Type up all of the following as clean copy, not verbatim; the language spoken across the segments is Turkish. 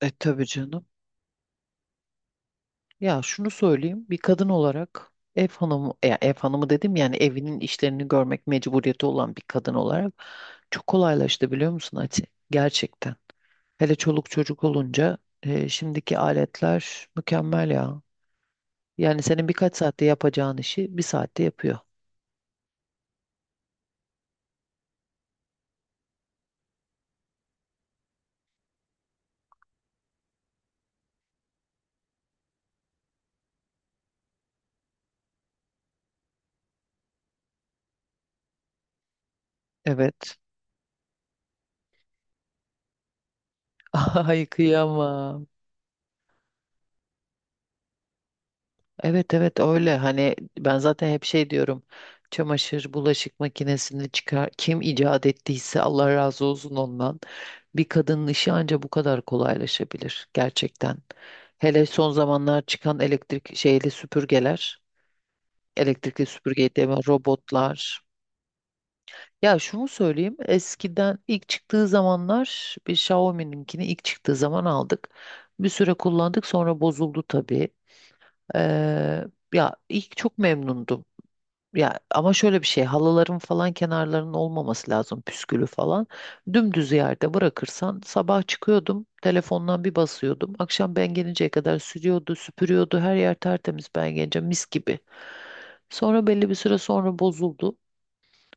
E tabii canım. Ya şunu söyleyeyim. Bir kadın olarak ev hanımı, ya ev hanımı dedim yani evinin işlerini görmek mecburiyeti olan bir kadın olarak çok kolaylaştı biliyor musun Ati? Gerçekten. Hele çoluk çocuk olunca şimdiki aletler mükemmel ya. Yani senin birkaç saatte yapacağın işi bir saatte yapıyor. Evet. Ay kıyamam. Evet evet öyle hani ben zaten hep şey diyorum, çamaşır bulaşık makinesini çıkar kim icat ettiyse Allah razı olsun ondan, bir kadının işi anca bu kadar kolaylaşabilir gerçekten. Hele son zamanlar çıkan elektrik şeyli süpürgeler, elektrikli süpürge deme, robotlar. Ya şunu söyleyeyim, eskiden ilk çıktığı zamanlar bir Xiaomi'ninkini ilk çıktığı zaman aldık, bir süre kullandık, sonra bozuldu tabii. Ee, Ya ilk çok memnundum. Ya ama şöyle bir şey, halıların falan kenarlarının olmaması lazım, püskülü falan. Dümdüz yerde bırakırsan sabah çıkıyordum, telefondan bir basıyordum. Akşam ben gelinceye kadar sürüyordu, süpürüyordu, her yer tertemiz, ben gelince mis gibi. Sonra belli bir süre sonra bozuldu.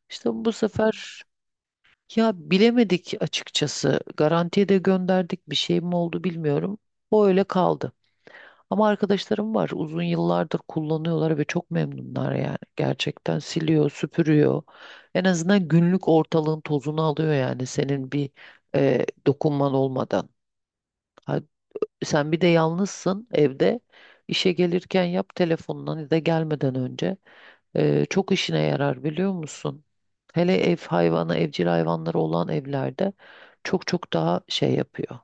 İşte bu sefer ya bilemedik açıkçası, garantiye de gönderdik, bir şey mi oldu bilmiyorum. O öyle kaldı. Ama arkadaşlarım var. Uzun yıllardır kullanıyorlar ve çok memnunlar yani. Gerçekten siliyor, süpürüyor. En azından günlük ortalığın tozunu alıyor yani, senin bir dokunman olmadan. Ha, sen bir de yalnızsın evde. İşe gelirken yap telefondan ya da gelmeden önce. Çok işine yarar biliyor musun? Hele ev hayvanı, evcil hayvanları olan evlerde çok çok daha şey yapıyor.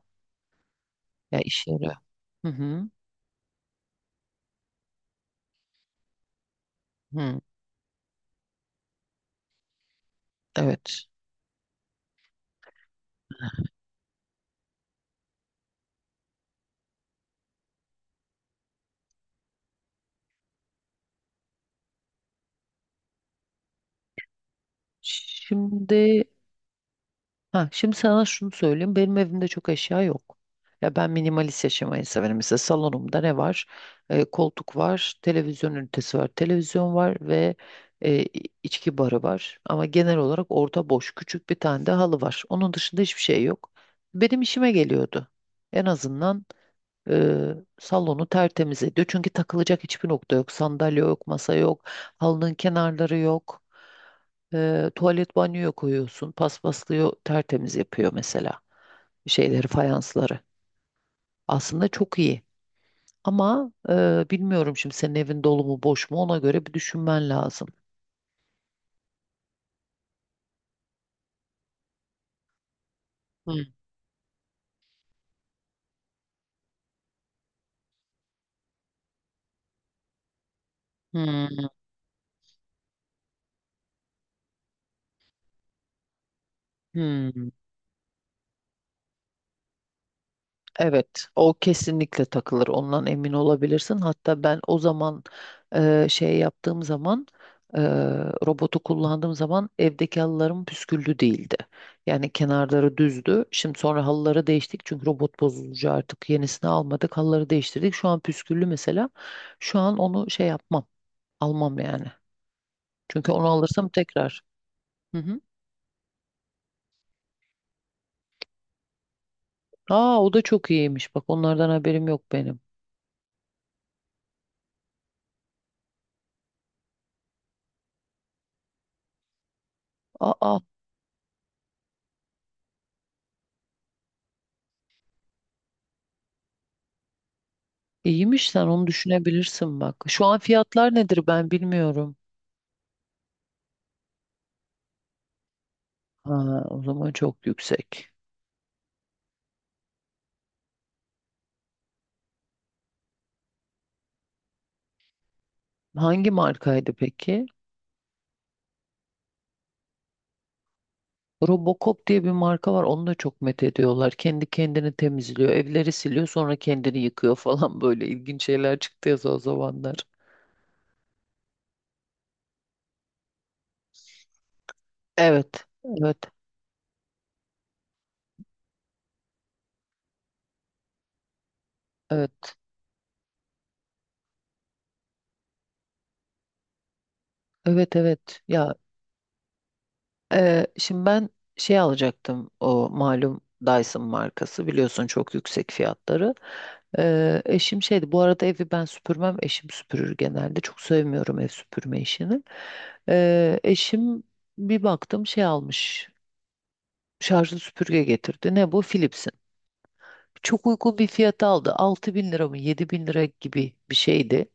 Ya işe yarıyor. Hı hı. Hı. Evet. Şimdi Ha, şimdi sana şunu söyleyeyim. Benim evimde çok eşya yok. Ya ben minimalist yaşamayı severim. Mesela salonumda ne var? Koltuk var, televizyon ünitesi var, televizyon var ve e, içki barı var. Ama genel olarak orta boş, küçük bir tane de halı var. Onun dışında hiçbir şey yok. Benim işime geliyordu. En azından salonu tertemiz ediyor. Çünkü takılacak hiçbir nokta yok. Sandalye yok, masa yok, halının kenarları yok. Tuvalet banyoya koyuyorsun. Paspaslıyor, tertemiz yapıyor mesela. Şeyleri, fayansları. Aslında çok iyi. Ama bilmiyorum şimdi senin evin dolu mu boş mu, ona göre bir düşünmen lazım. Hmm, hmm, hmm. Evet, o kesinlikle takılır. Ondan emin olabilirsin. Hatta ben o zaman şey yaptığım zaman e, robotu kullandığım zaman evdeki halılarım püsküllü değildi. Yani kenarları düzdü. Şimdi sonra halıları değiştik çünkü robot bozulunca artık yenisini almadık. Halıları değiştirdik. Şu an püsküllü mesela. Şu an onu şey yapmam, almam yani. Çünkü onu alırsam tekrar. Hı hı. Aa, o da çok iyiymiş. Bak onlardan haberim yok benim. Aa. İyiymiş, sen onu düşünebilirsin bak. Şu an fiyatlar nedir ben bilmiyorum. Ha, o zaman çok yüksek. Hangi markaydı peki? Robocop diye bir marka var. Onu da çok met ediyorlar. Kendi kendini temizliyor. Evleri siliyor, sonra kendini yıkıyor falan böyle ilginç şeyler çıktı ya o zamanlar. Evet. Evet. Evet. Evet evet. Ya. Şimdi ben şey alacaktım, o malum Dyson markası biliyorsun, çok yüksek fiyatları. Eşim şeydi bu arada, evi ben süpürmem, eşim süpürür genelde, çok sevmiyorum ev süpürme işini. Eşim bir baktım şey almış, şarjlı süpürge getirdi, ne bu, Philips'in. Çok uygun bir fiyata aldı, 6 bin lira mı 7 bin lira gibi bir şeydi.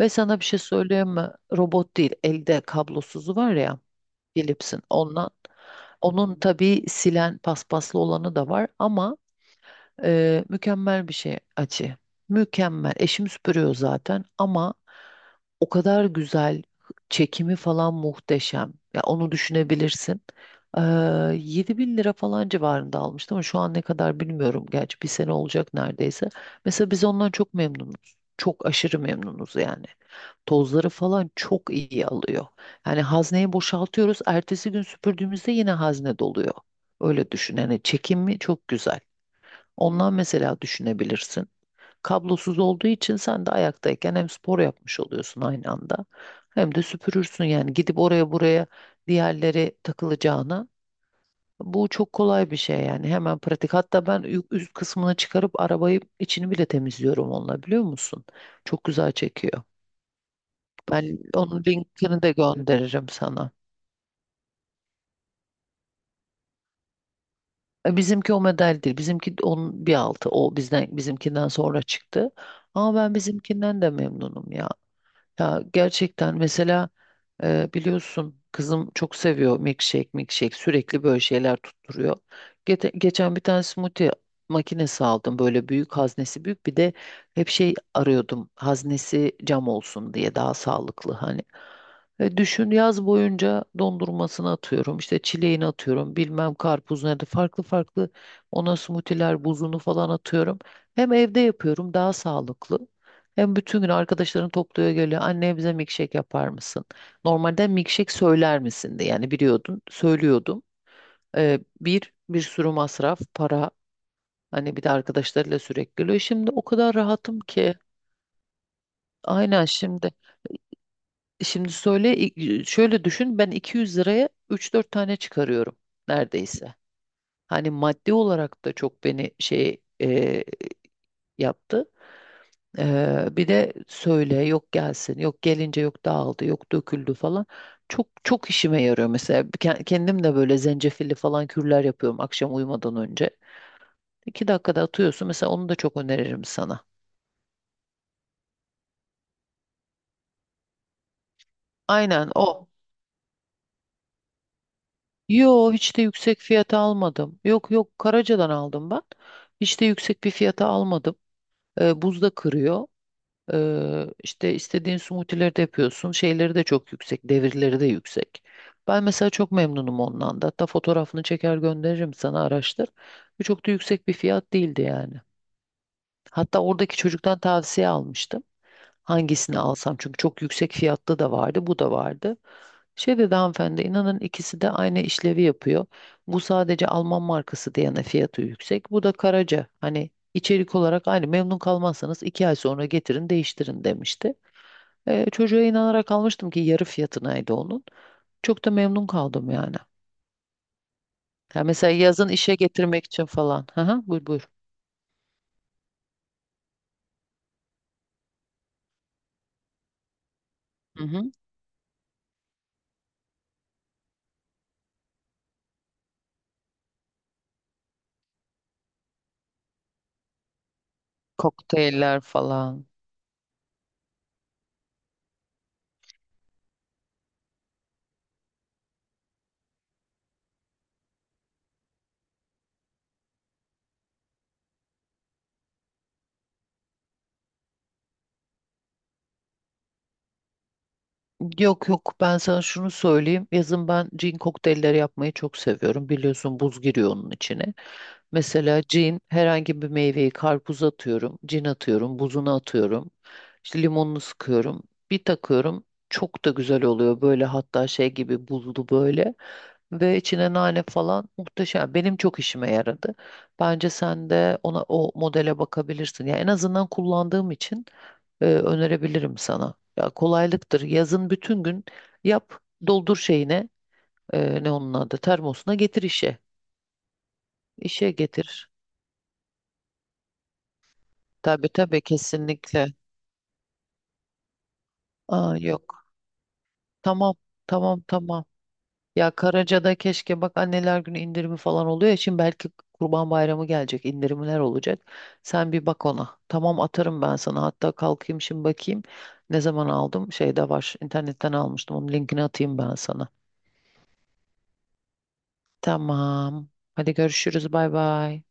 Ve sana bir şey söyleyeyim mi, robot değil, elde kablosuzu var ya. Philips'in ondan. Onun tabii silen paspaslı olanı da var, ama mükemmel bir şey açı. Mükemmel. Eşim süpürüyor zaten ama o kadar güzel çekimi falan muhteşem. Ya onu düşünebilirsin. Ee, 7 bin lira falan civarında almıştım ama şu an ne kadar bilmiyorum. Gerçi bir sene olacak neredeyse. Mesela biz ondan çok memnunuz. Çok aşırı memnunuz yani. Tozları falan çok iyi alıyor. Yani hazneyi boşaltıyoruz, ertesi gün süpürdüğümüzde yine hazne doluyor. Öyle düşün. Yani çekimi çok güzel. Ondan mesela düşünebilirsin. Kablosuz olduğu için sen de ayaktayken hem spor yapmış oluyorsun aynı anda, hem de süpürürsün yani, gidip oraya buraya diğerleri takılacağına. Bu çok kolay bir şey yani, hemen pratik. Hatta ben üst kısmını çıkarıp arabayı içini bile temizliyorum onunla, biliyor musun? Çok güzel çekiyor. Ben onun linkini de gönderirim sana. Bizimki o model değil. Bizimki onun bir altı. O bizden bizimkinden sonra çıktı. Ama ben bizimkinden de memnunum ya. Ya gerçekten mesela biliyorsun kızım çok seviyor, milkshake milkshake sürekli böyle şeyler tutturuyor. Geçen bir tane smoothie makinesi aldım böyle, büyük haznesi, büyük bir de hep şey arıyordum, haznesi cam olsun diye, daha sağlıklı hani. Düşün yaz boyunca dondurmasını atıyorum, işte çileğini atıyorum, bilmem karpuz nerede farklı farklı, ona smoothie'ler buzunu falan atıyorum. Hem evde yapıyorum daha sağlıklı. Hem bütün gün arkadaşların topluyor geliyor. Anne bize milkshake yapar mısın? Normalde milkshake söyler misin, de yani biliyordun. Söylüyordum. Bir sürü masraf, para. Hani bir de arkadaşlarıyla sürekli geliyor. Şimdi o kadar rahatım ki. Aynen şimdi. Şimdi şöyle düşün, ben 200 liraya 3-4 tane çıkarıyorum neredeyse. Hani maddi olarak da çok beni şey yaptı. Bir de söyle, yok gelsin, yok gelince yok dağıldı, yok döküldü falan. Çok çok işime yarıyor mesela. Kendim de böyle zencefilli falan kürler yapıyorum akşam uyumadan önce. İki dakikada atıyorsun mesela, onu da çok öneririm sana. Aynen o. Yo hiç de yüksek fiyata almadım. Yok yok Karaca'dan aldım ben. Hiç de yüksek bir fiyata almadım. Buzda kırıyor. İşte istediğin smoothie'leri de yapıyorsun. Şeyleri de çok yüksek. Devirleri de yüksek. Ben mesela çok memnunum ondan da. Hatta fotoğrafını çeker gönderirim sana, araştır. Bu çok da yüksek bir fiyat değildi yani. Hatta oradaki çocuktan tavsiye almıştım. Hangisini alsam, çünkü çok yüksek fiyatlı da vardı, bu da vardı. Şey dedi hanımefendi, inanın ikisi de aynı işlevi yapıyor. Bu sadece Alman markası diyene fiyatı yüksek. Bu da Karaca. Hani içerik olarak aynı, memnun kalmazsanız iki ay sonra getirin değiştirin demişti. Çocuğa inanarak almıştım ki yarı fiyatınaydı onun. Çok da memnun kaldım yani. Ha, mesela yazın işe getirmek için falan. Hı hı, buyur buyur. Hı hı. Kokteyller falan. Yok yok, ben sana şunu söyleyeyim. Yazın ben cin kokteylleri yapmayı çok seviyorum. Biliyorsun buz giriyor onun içine. Mesela cin, herhangi bir meyveyi, karpuz atıyorum. Cin atıyorum. Buzunu atıyorum. İşte limonunu sıkıyorum. Bir takıyorum. Çok da güzel oluyor. Böyle hatta şey gibi buzlu böyle. Ve içine nane falan muhteşem. Benim çok işime yaradı. Bence sen de ona o modele bakabilirsin, ya en azından kullandığım için önerebilirim sana. Ya kolaylıktır. Yazın bütün gün yap, doldur şeyine, ne onun adı, termosuna getir işe. İşe getir. Tabii tabii kesinlikle. Aa yok. Tamam. Tamam tamam. Ya Karaca'da keşke bak, anneler günü indirimi falan oluyor ya. Şimdi belki Kurban Bayramı gelecek, indirimler olacak. Sen bir bak ona. Tamam, atarım ben sana. Hatta kalkayım şimdi bakayım. Ne zaman aldım? Şeyde var, internetten almıştım. Onun linkini atayım ben sana. Tamam. Hadi görüşürüz. Bay bay.